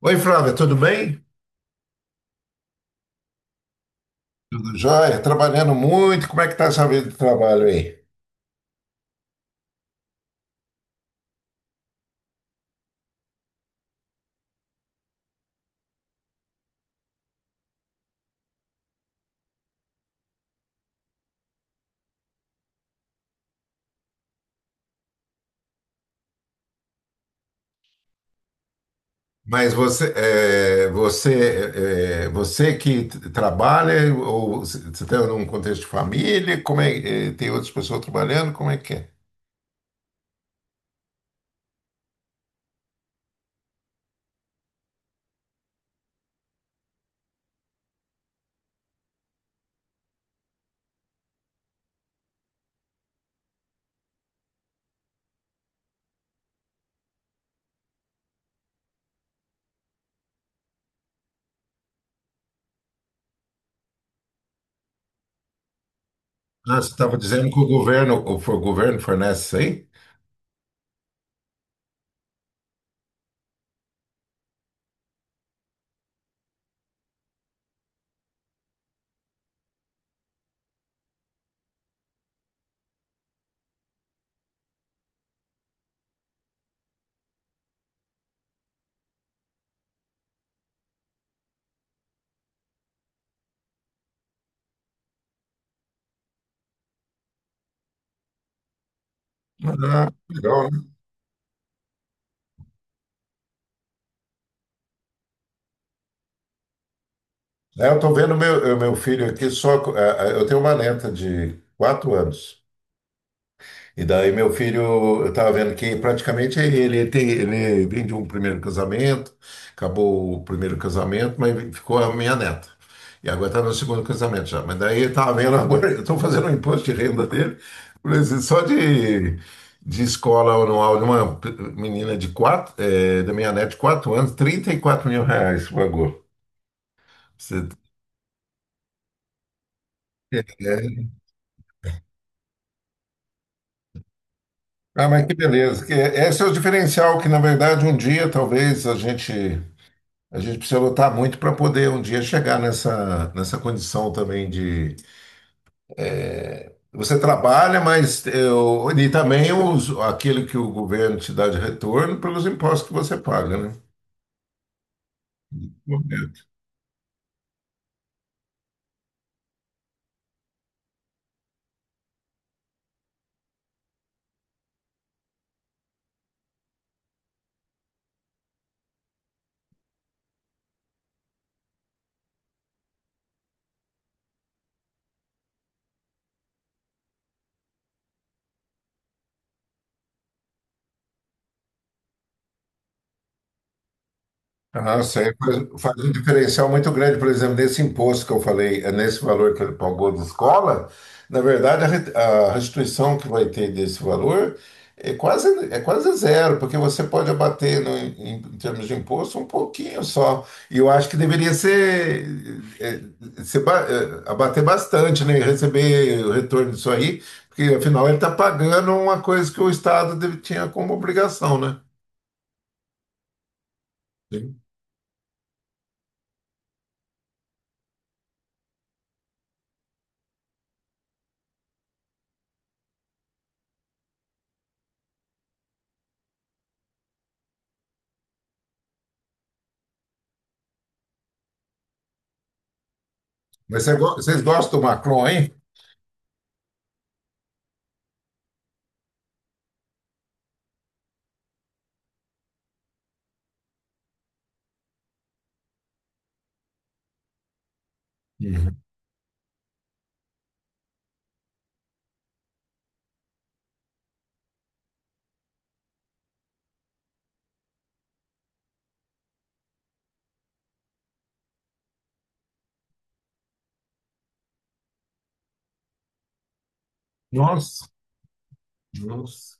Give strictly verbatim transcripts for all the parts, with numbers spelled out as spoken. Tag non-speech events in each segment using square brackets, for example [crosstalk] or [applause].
Oi, Flávia, tudo bem? Tudo jóia? Trabalhando muito. Como é que tá essa vida de trabalho aí? Mas você, é, você, é, você que t- trabalha ou você está num contexto de família? Como é, é, tem outras pessoas trabalhando? Como é que é? Ah, você estava dizendo que o governo, o for, o governo fornece isso aí? Ah, legal, né? É, eu estou vendo meu, eu- meu filho aqui só. é, é, Eu tenho uma neta de quatro anos. E daí meu filho, eu estava vendo que praticamente ele tem, ele vem de um primeiro casamento, acabou o primeiro casamento, mas ficou a minha neta. E agora está no segundo casamento já. Mas daí eu estava vendo agora, eu estou fazendo o imposto de renda dele, por exemplo, só de, de escola anual de uma menina de quatro, eh, da minha neta de quatro anos, trinta e quatro mil reais pagou. Você é. Ah, mas que beleza. Que é- Esse é o diferencial que, na verdade, um dia talvez a gente. A gente precisa lutar muito para poder um dia chegar nessa, nessa condição também de. Você trabalha, mas eu, e também os, aquilo que o governo te dá de retorno pelos impostos que você paga, né? Ah, sei. Faz, faz um diferencial muito grande, por exemplo, nesse imposto que eu falei, é nesse valor que ele pagou de escola, na verdade, a, re- a restituição que vai ter desse valor é quase, é quase zero, porque você pode abater no, em, em termos de imposto um pouquinho só. E eu acho que deveria ser, é, ser ba- é, abater bastante, né? E receber o retorno disso aí, porque afinal ele está pagando uma coisa que o Estado deve- tinha como obrigação, né? Sim. Mas você go- vocês gostam do Macron, hein? Uhum. Nossa, nossa.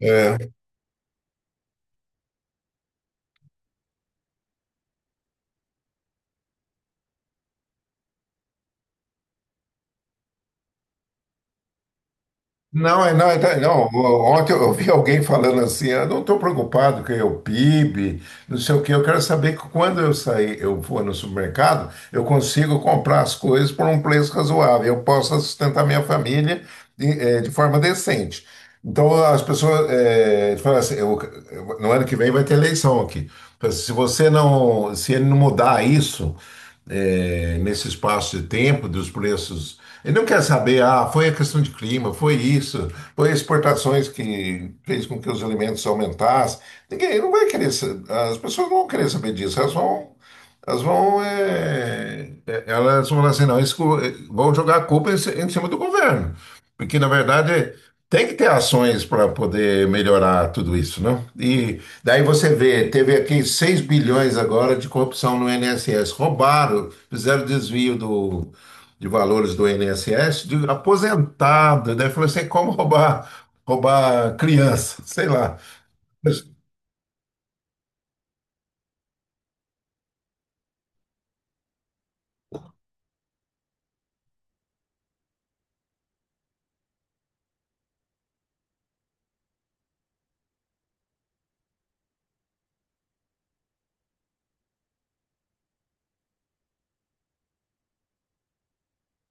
É. Não, é, não, é, tá, não. Ontem eu vi alguém falando assim, eu não estou preocupado com o P I B, não sei o quê. Eu quero saber que quando eu sair, eu for no supermercado, eu consigo comprar as coisas por um preço razoável. Eu posso sustentar minha família de, eh, de forma decente. Então as pessoas eh, falam assim, eu- eu- no ano que vem vai ter eleição aqui. Fala assim, se você não, se ele não mudar isso é, nesse espaço de tempo dos preços. Ele não quer saber, ah, foi a questão de clima, foi isso, foi exportações que fez com que os alimentos aumentassem. Ninguém não vai querer, sa- as pessoas não vão querer saber disso, elas vão, elas vão, é, é, elas vão falar assim, não, isso, co- vão jogar a culpa em, ci- em cima do governo. Porque, na verdade, tem que ter ações para poder melhorar tudo isso, não? E daí você vê, teve aqui seis bilhões agora de corrupção no I N S S. Roubaram, fizeram desvio do, de valores do I N S S, de aposentado, né? Falou assim, "É como roubar, roubar criança, [laughs] sei lá. Mas-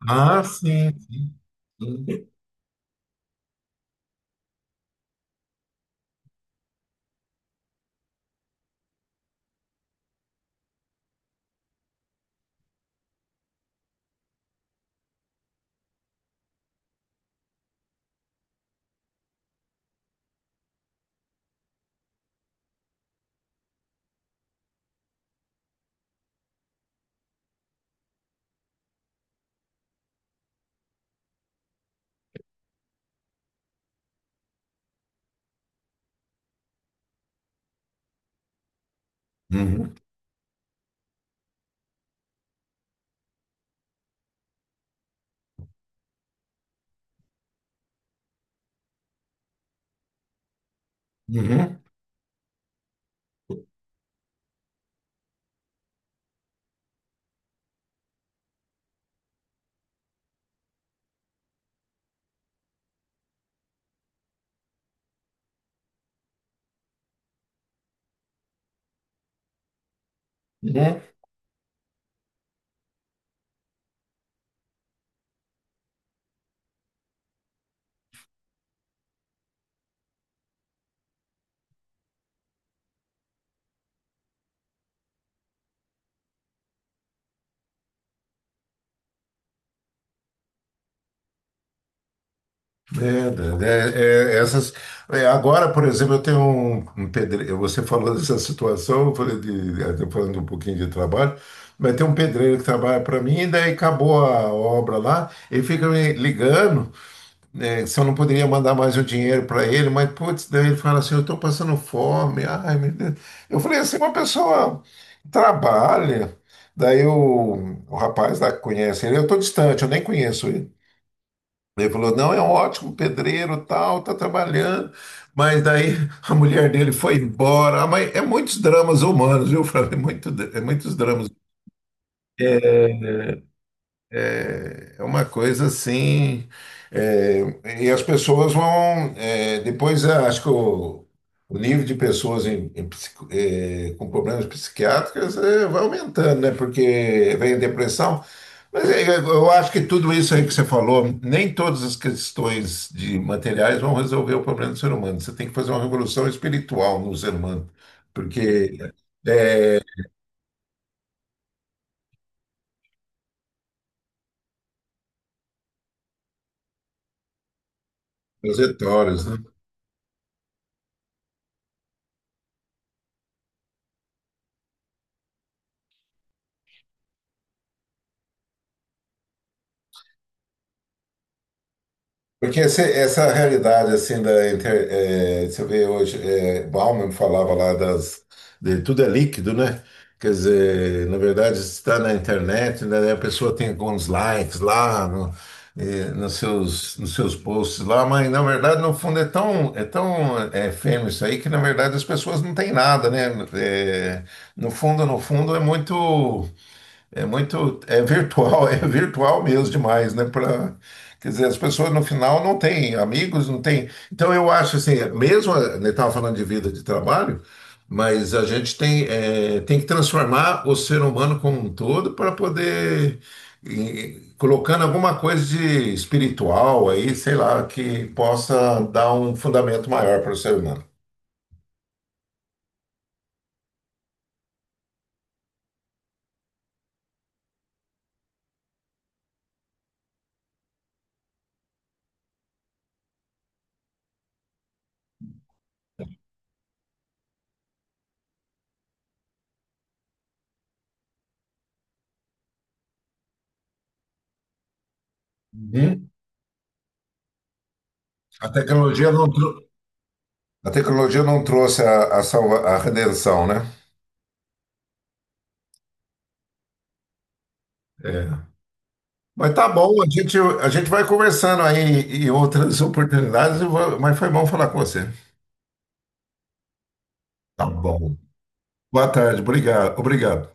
Ah, sim, sim, sim. Uhum, uhum, uhum. É, é, é, é, essas, é, agora, por exemplo, eu tenho um, um pedreiro. Você falou dessa situação, eu falei de, eu tô falando um pouquinho de trabalho, mas tem um pedreiro que trabalha para mim, e daí acabou a obra lá, ele fica me ligando, né, se eu não poderia mandar mais o dinheiro para ele, mas putz, daí ele fala assim: eu estou passando fome, ai meu Deus. Eu falei assim: uma pessoa trabalha, daí o, o rapaz lá que conhece ele, eu estou distante, eu nem conheço ele. Ele falou, não, é um ótimo pedreiro, tal, tá trabalhando. Mas daí [laughs] a mulher dele foi embora. Ah, mas é muitos dramas humanos, viu, Flávio? É muito, é muitos dramas. É, é uma coisa assim. É, e as pessoas vão. é, depois, eh, acho que o, o nível de pessoas em- em psico- eh, com problemas psiquiátricos eh, vai aumentando, né? Porque vem a depressão. Mas eh, eu eu acho que tudo isso aí que você falou, nem todas as questões de materiais vão resolver o problema do ser humano. Você tem que fazer uma revolução espiritual no ser humano, porque as trajetórias, porque esse- essa realidade assim da inter, eh, você vê hoje, eh, Bauman falava lá das de tudo é líquido, né? Quer dizer, na verdade está na internet, né? A pessoa tem alguns likes lá no- eh, nos seus nos seus posts lá, mas na verdade no fundo é tão é tão eh, efêmero isso aí que na verdade as pessoas não têm nada, né? Eh, no fundo, no fundo é muito é muito, é virtual, [laughs] é virtual mesmo demais, né? Pra, quer dizer, as pessoas no final não têm amigos, não têm. Então eu acho assim, mesmo ele estava falando de vida de trabalho, mas a gente tem, é, tem que transformar o ser humano como um todo para poder e, colocando alguma coisa de espiritual aí, sei lá, que possa dar um fundamento maior para o ser humano. Uhum. A tecnologia não, trou- a tecnologia não trouxe a, a salva- a redenção, né? É. Mas tá bom, a gente, a gente vai conversando aí em outras oportunidades, eu vou- mas foi bom falar com você. Tá bom. Boa tarde, obrigado, obrigado.